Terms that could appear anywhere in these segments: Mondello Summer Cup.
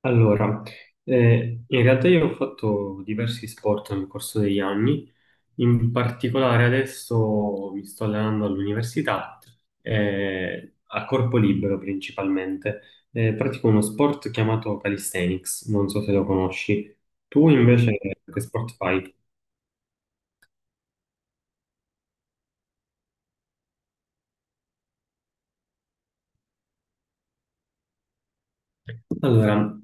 Allora, in realtà io ho fatto diversi sport nel corso degli anni, in particolare adesso mi sto allenando all'università, a corpo libero principalmente. Pratico uno sport chiamato calisthenics, non so se lo conosci. Tu invece che sport fai? Allora,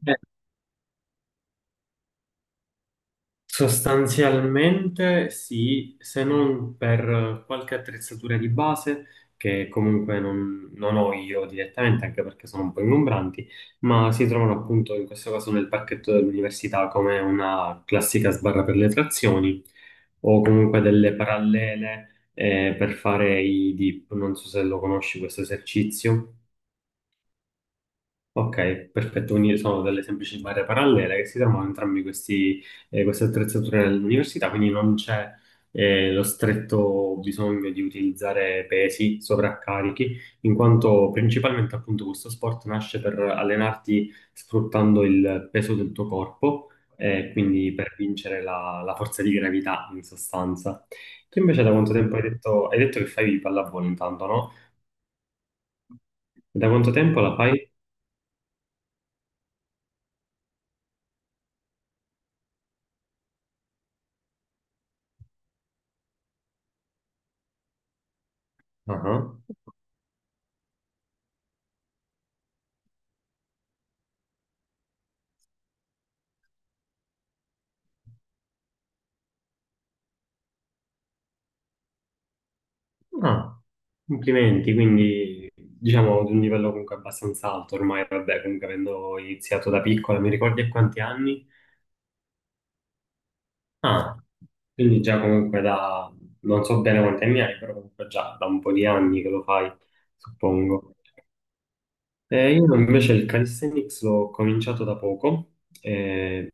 sostanzialmente sì, se non per qualche attrezzatura di base che comunque non ho io direttamente, anche perché sono un po' ingombranti, ma si trovano appunto in questo caso nel parchetto dell'università come una classica sbarra per le trazioni o comunque delle parallele per fare i dip. Non so se lo conosci questo esercizio. Ok, perfetto, quindi sono delle semplici barre parallele che si trovano entrambi questi, queste attrezzature nell'università, quindi non c'è lo stretto bisogno di utilizzare pesi, sovraccarichi, in quanto principalmente appunto questo sport nasce per allenarti sfruttando il peso del tuo corpo, quindi per vincere la forza di gravità in sostanza. Tu invece da quanto tempo hai detto che fai pallavolo intanto, no? Da quanto tempo la fai? Ah, ah. Ah, complimenti, quindi diciamo di un livello comunque abbastanza alto ormai, vabbè, comunque avendo iniziato da piccola, mi ricordi a quanti anni? Ah, quindi già comunque da, non so bene quanti anni hai, però comunque già da un po' di anni che lo fai, suppongo. Io invece il calisthenics l'ho cominciato da poco, eh,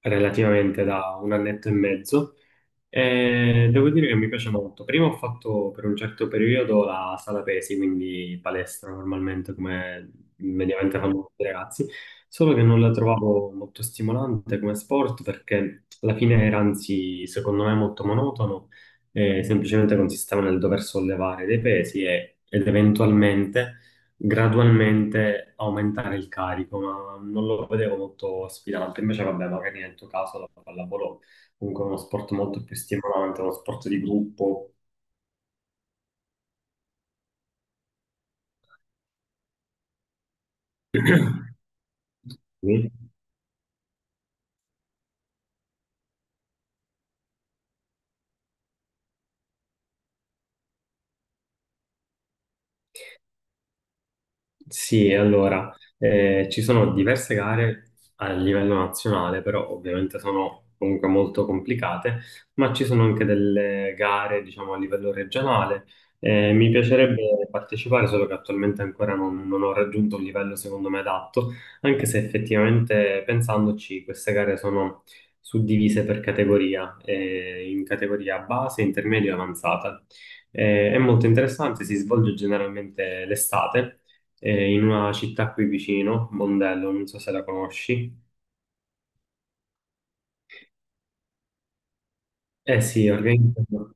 relativamente da un annetto e mezzo, e devo dire che mi piace molto. Prima ho fatto per un certo periodo la sala pesi, quindi palestra normalmente come mediamente fanno tutti i ragazzi, solo che non la trovavo molto stimolante come sport perché alla fine era anzi secondo me molto monotono, semplicemente consisteva nel dover sollevare dei pesi ed eventualmente gradualmente aumentare il carico, ma non lo vedevo molto sfidante. Invece, vabbè, magari nel tuo caso la pallavolo comunque è uno sport molto più stimolante, uno sport di gruppo. Sì, allora, ci sono diverse gare a livello nazionale, però ovviamente sono comunque molto complicate, ma ci sono anche delle gare, diciamo, a livello regionale. Mi piacerebbe partecipare, solo che attualmente ancora non ho raggiunto un livello secondo me adatto, anche se effettivamente pensandoci queste gare sono suddivise per categoria, in categoria base, intermedia e avanzata. È molto interessante, si svolge generalmente l'estate in una città qui vicino, Mondello, non so se la conosci. Eh sì, organizzano.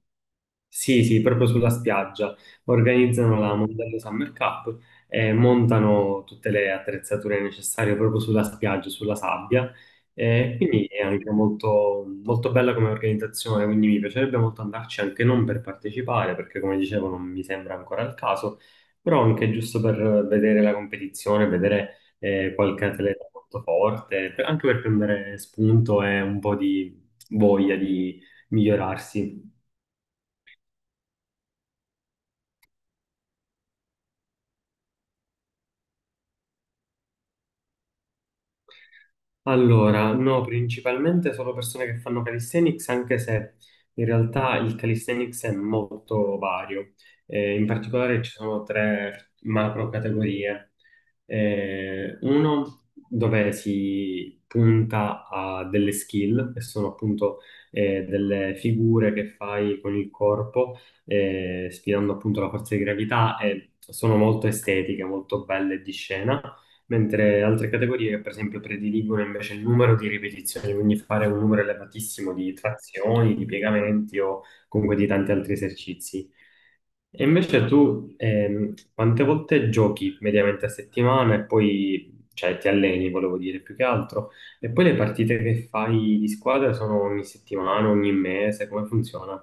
Sì, sì, proprio sulla spiaggia. Organizzano la Mondello Summer Cup e montano tutte le attrezzature necessarie proprio sulla spiaggia, sulla sabbia. E quindi è anche molto, molto bella come organizzazione, quindi mi piacerebbe molto andarci anche non per partecipare, perché come dicevo non mi sembra ancora il caso, però anche giusto per vedere la competizione, vedere qualche atleta molto forte, anche per prendere spunto e un po' di voglia di migliorarsi. Allora, no, principalmente solo persone che fanno calisthenics, anche se in realtà il calisthenics è molto vario. In particolare ci sono tre macro categorie. Uno dove si punta a delle skill, che sono appunto delle figure che fai con il corpo, sfidando appunto la forza di gravità e sono molto estetiche, molto belle di scena mentre altre categorie che per esempio prediligono invece il numero di ripetizioni, quindi fare un numero elevatissimo di trazioni, di piegamenti o comunque di tanti altri esercizi. E invece tu quante volte giochi mediamente a settimana e poi cioè, ti alleni, volevo dire, più che altro? E poi le partite che fai di squadra sono ogni settimana, ogni mese, come funziona?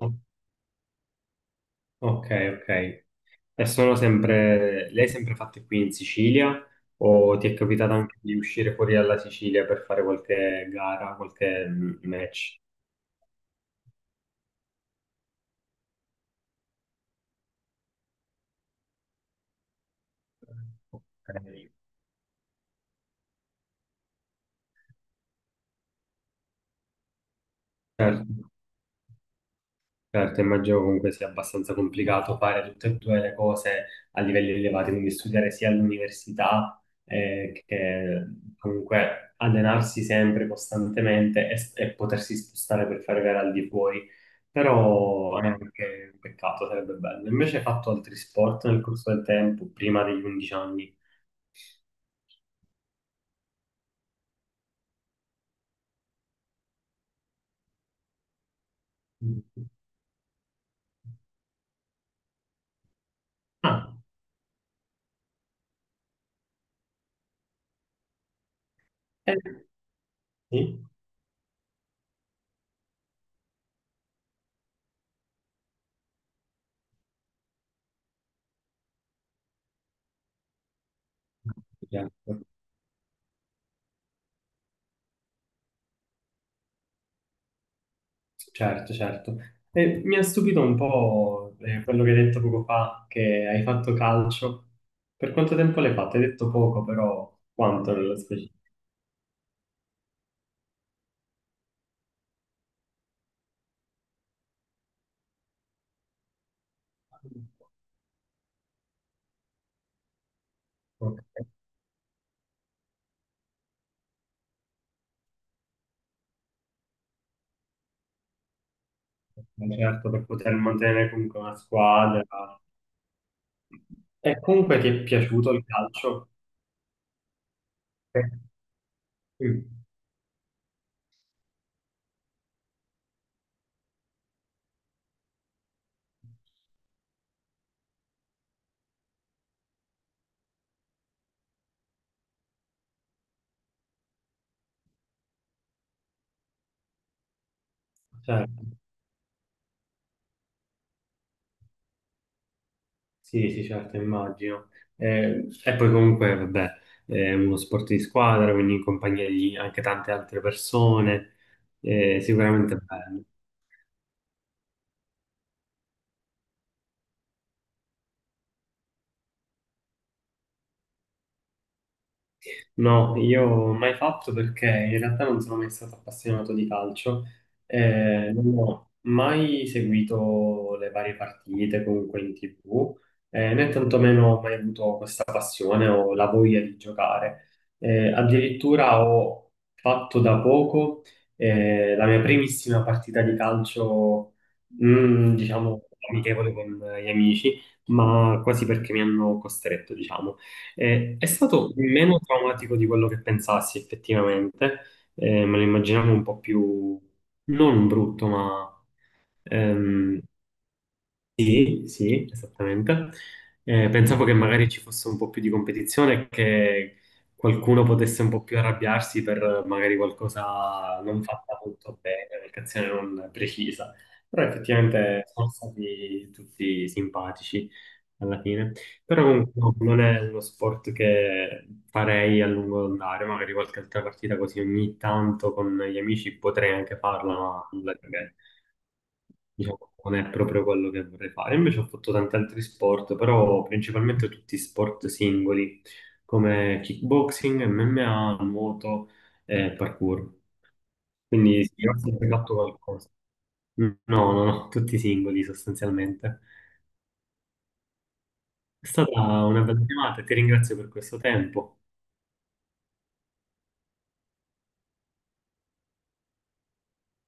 Oh, ok, ok. E sono sempre, lei è sempre fatte qui in Sicilia o ti è capitato anche di uscire fuori dalla Sicilia per fare qualche gara, qualche mm, match? Ok. Certo. Certo, immagino comunque sia abbastanza complicato fare tutte e due le cose a livelli elevati, quindi studiare sia all'università che comunque allenarsi sempre costantemente e potersi spostare per fare gare al di fuori, però è anche un peccato, sarebbe bello. Invece hai fatto altri sport nel corso del tempo, prima degli 11 anni? Ah, eh, sì. Certo. Certo, certo. E mi ha stupito un po' quello che hai detto poco fa, che hai fatto calcio. Per quanto tempo l'hai fatto? Hai detto poco, però quanto nello specifico? Ok. Certo, per poter mantenere comunque una squadra. E comunque ti è piaciuto il calcio? Sì. Mm, certo. Sì, sì, certo, immagino. E poi comunque, vabbè, è uno sport di squadra, quindi in compagnia di anche tante altre persone, sicuramente è bello. No, io mai fatto perché in realtà non sono mai stato appassionato di calcio, non ho mai seguito le varie partite comunque in TV, né tantomeno ho mai avuto questa passione o la voglia di giocare. Addirittura ho fatto da poco, la mia primissima partita di calcio, mm, diciamo, amichevole con gli amici, ma quasi perché mi hanno costretto, diciamo. È stato meno traumatico di quello che pensassi effettivamente. Me lo immaginavo un po' più, non brutto, ma ehm, sì, sì, esattamente. Pensavo che magari ci fosse un po' più di competizione e che qualcuno potesse un po' più arrabbiarsi per magari qualcosa non fatta molto bene, un'azione non precisa. Però effettivamente sono stati tutti simpatici alla fine. Però comunque no, non è uno sport che farei a lungo andare, magari qualche altra partita così ogni tanto con gli amici potrei anche farla, ma nulla di che, diciamo, non è proprio quello che vorrei fare. Invece ho fatto tanti altri sport, però principalmente tutti sport singoli, come kickboxing, MMA, nuoto e parkour. Quindi sì, ho sempre fatto qualcosa. No, no, no, tutti singoli sostanzialmente. È stata una bella chiamata e ti ringrazio per questo tempo.